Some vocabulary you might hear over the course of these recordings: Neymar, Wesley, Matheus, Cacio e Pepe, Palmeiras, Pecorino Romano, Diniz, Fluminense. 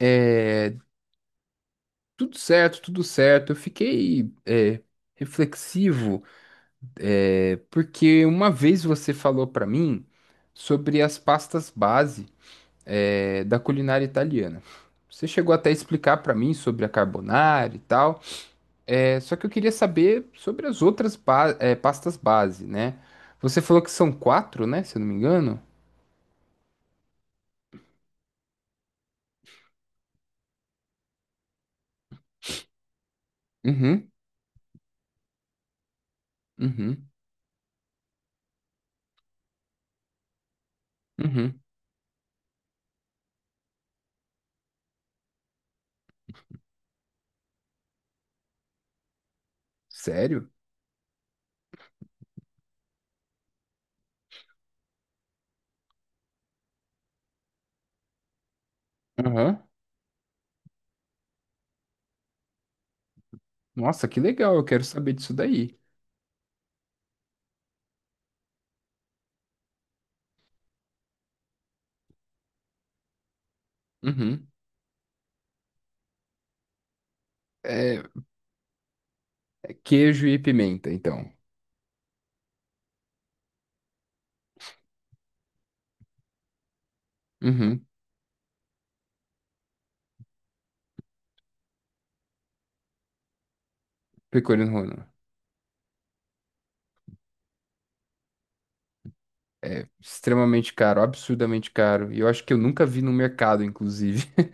É, tudo certo, tudo certo. Eu fiquei reflexivo, porque uma vez você falou para mim sobre as pastas base, da culinária italiana. Você chegou até a explicar para mim sobre a carbonara e tal, só que eu queria saber sobre as outras pastas base, né? Você falou que são quatro, né? Se eu não me engano. Uhum, uhum, uhum. Sério? Aham. Nossa, que legal, eu quero saber disso daí. Uhum. É queijo e pimenta, então. Uhum. Pecorino Romano. Extremamente caro, absurdamente caro. E eu acho que eu nunca vi no mercado, inclusive.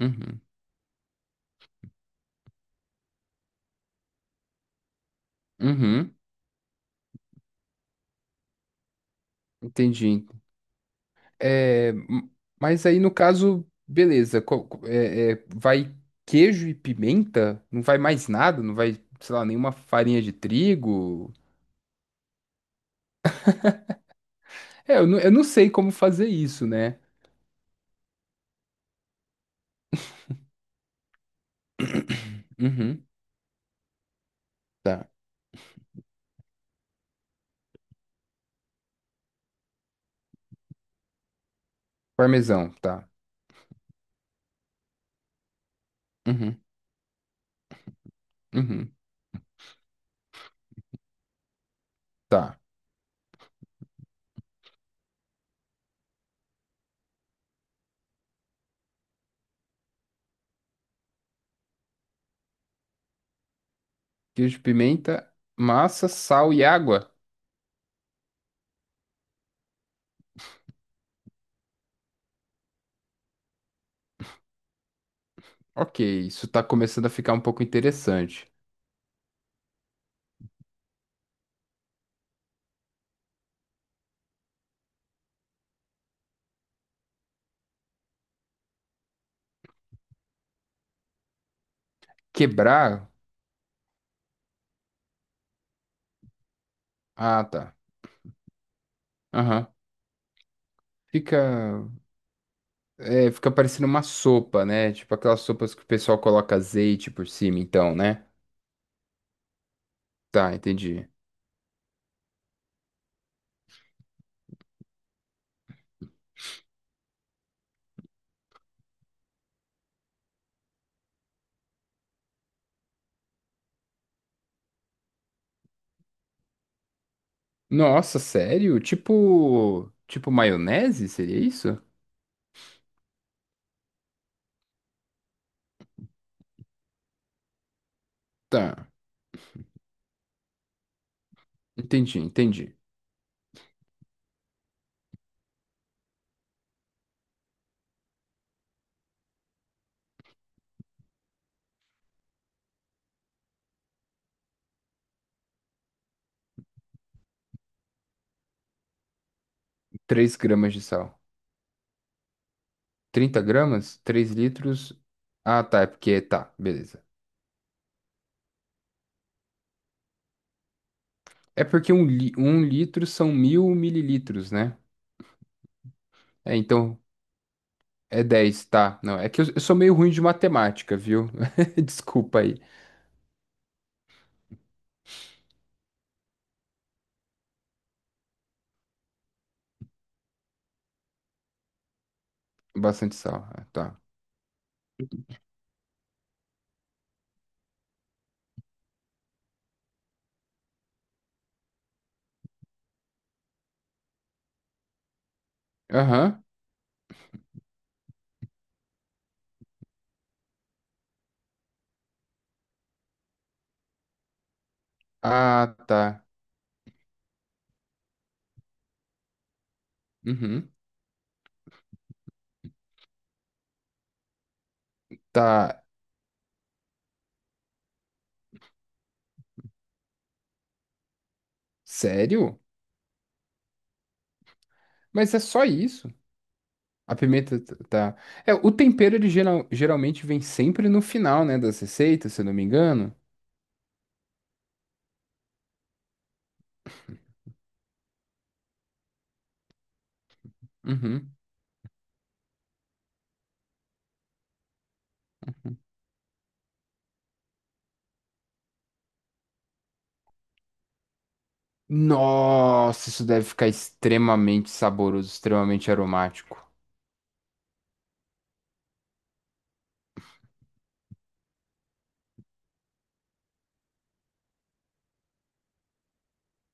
Uhum. Uhum. Entendi. É, m- mas aí, no caso, beleza. Vai queijo e pimenta? Não vai mais nada? Não vai, sei lá, nenhuma farinha de trigo? Eu não sei como fazer isso, né? Uhum. Tá. Parmesão, tá. Uhum. Uhum. Tá. Queijo, pimenta, massa, sal e água. Ok, isso tá começando a ficar um pouco interessante. Quebrar? Ah, tá. Aham. Fica, fica parecendo uma sopa, né? Tipo aquelas sopas que o pessoal coloca azeite por cima, então, né? Tá, entendi. Nossa, sério? Tipo maionese? Seria isso? Tá, entendi, entendi. 3 gramas de sal. 30 gramas? 3 litros? Ah, tá, é porque tá, beleza. É porque um litro são 1000 mililitros, né? Então é 10, tá? Não, é que eu sou meio ruim de matemática, viu? Desculpa aí. Bastante sal, ah, tá. Aham. Ah, tá. Uhum. Tá. Sério? Mas é só isso. A pimenta tá. O tempero ele geralmente vem sempre no final, né, das receitas, se eu não me engano. Uhum. Nossa, isso deve ficar extremamente saboroso, extremamente aromático.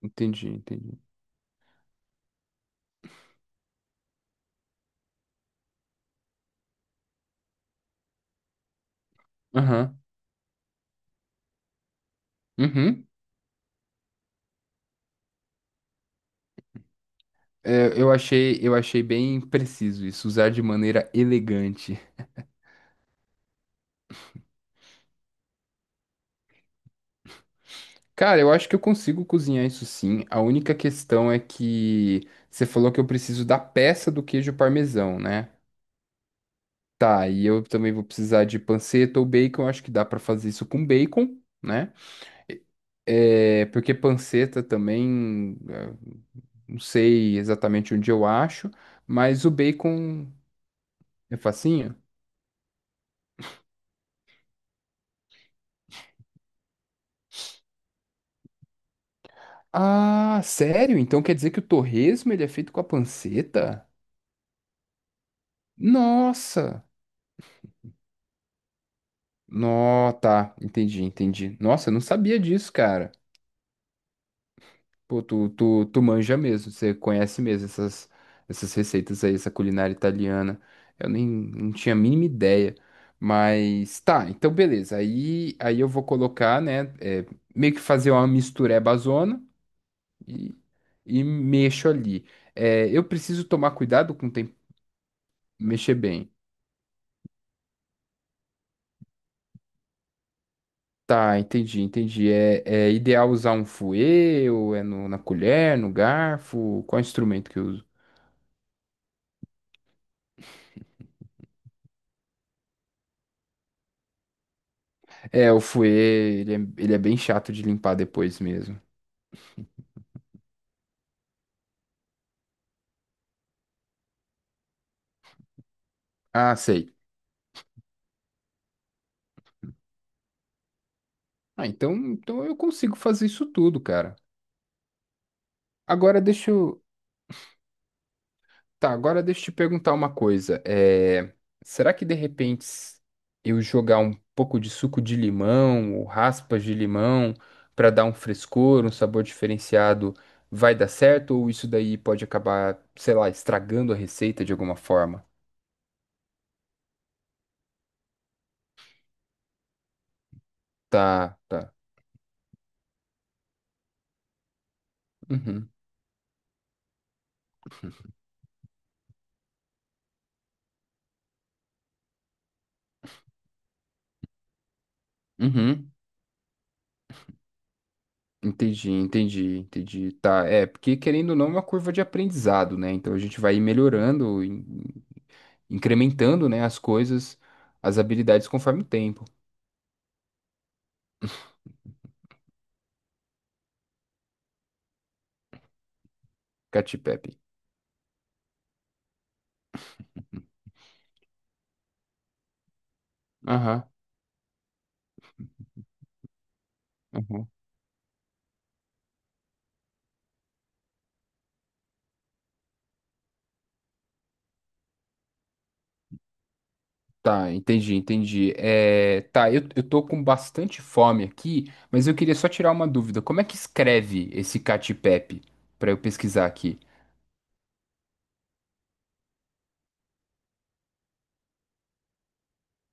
Entendi, entendi. Uhum. Eu achei, bem preciso isso, usar de maneira elegante. Cara, eu acho que eu consigo cozinhar isso sim. A única questão é que você falou que eu preciso da peça do queijo parmesão, né? Tá, e eu também vou precisar de panceta ou bacon. Eu Acho que dá pra fazer isso com bacon, né? Porque panceta também, não sei exatamente onde eu acho, mas o bacon é facinho. Ah, sério? Então quer dizer que o torresmo ele é feito com a panceta? Nossa! Nó, tá, entendi, entendi. Nossa, eu não sabia disso, cara. Pô, tu manja mesmo, você conhece mesmo essas receitas aí, essa culinária italiana. Eu nem não tinha a mínima ideia. Mas tá, então beleza. Aí eu vou colocar, né? Meio que fazer uma misturebazona e, e mexo ali. Eu preciso tomar cuidado com o tempo, mexer bem. Tá, entendi, entendi. É ideal usar um fouet, ou é na colher, no garfo? Qual instrumento que eu uso? O fouet, ele é, ele é bem chato de limpar depois mesmo. Ah, sei. Ah, então eu consigo fazer isso tudo, cara. Agora deixa eu, Tá, agora deixa eu te perguntar uma coisa. Será que de repente eu jogar um pouco de suco de limão ou raspas de limão para dar um frescor, um sabor diferenciado, vai dar certo? Ou isso daí pode acabar, sei lá, estragando a receita de alguma forma? Tá, tá. Uhum, uhum. Entendi, entendi, entendi. Tá, porque querendo ou não, é uma curva de aprendizado, né? Então a gente vai ir melhorando, incrementando, né, as coisas, as habilidades conforme o tempo. Caty Pepe. Aham, aham. Tá, entendi, entendi. Tá, eu tô com bastante fome aqui, mas eu queria só tirar uma dúvida. Como é que escreve esse Cacio e Pepe? Pra eu pesquisar aqui.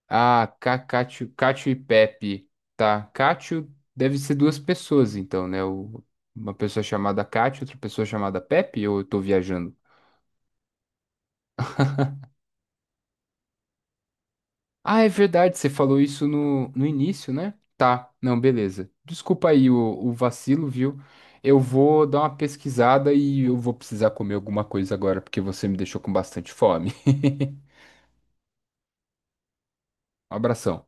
Ah, Cacatio, Cátio e Pepe. Tá, Cátio deve ser duas pessoas, então, né? Uma pessoa chamada Cátio, outra pessoa chamada Pepe, ou eu tô viajando? Ah, é verdade, você falou isso no início, né? Tá, não, beleza. Desculpa aí o vacilo, viu? Eu vou dar uma pesquisada e eu vou precisar comer alguma coisa agora, porque você me deixou com bastante fome. Um abração.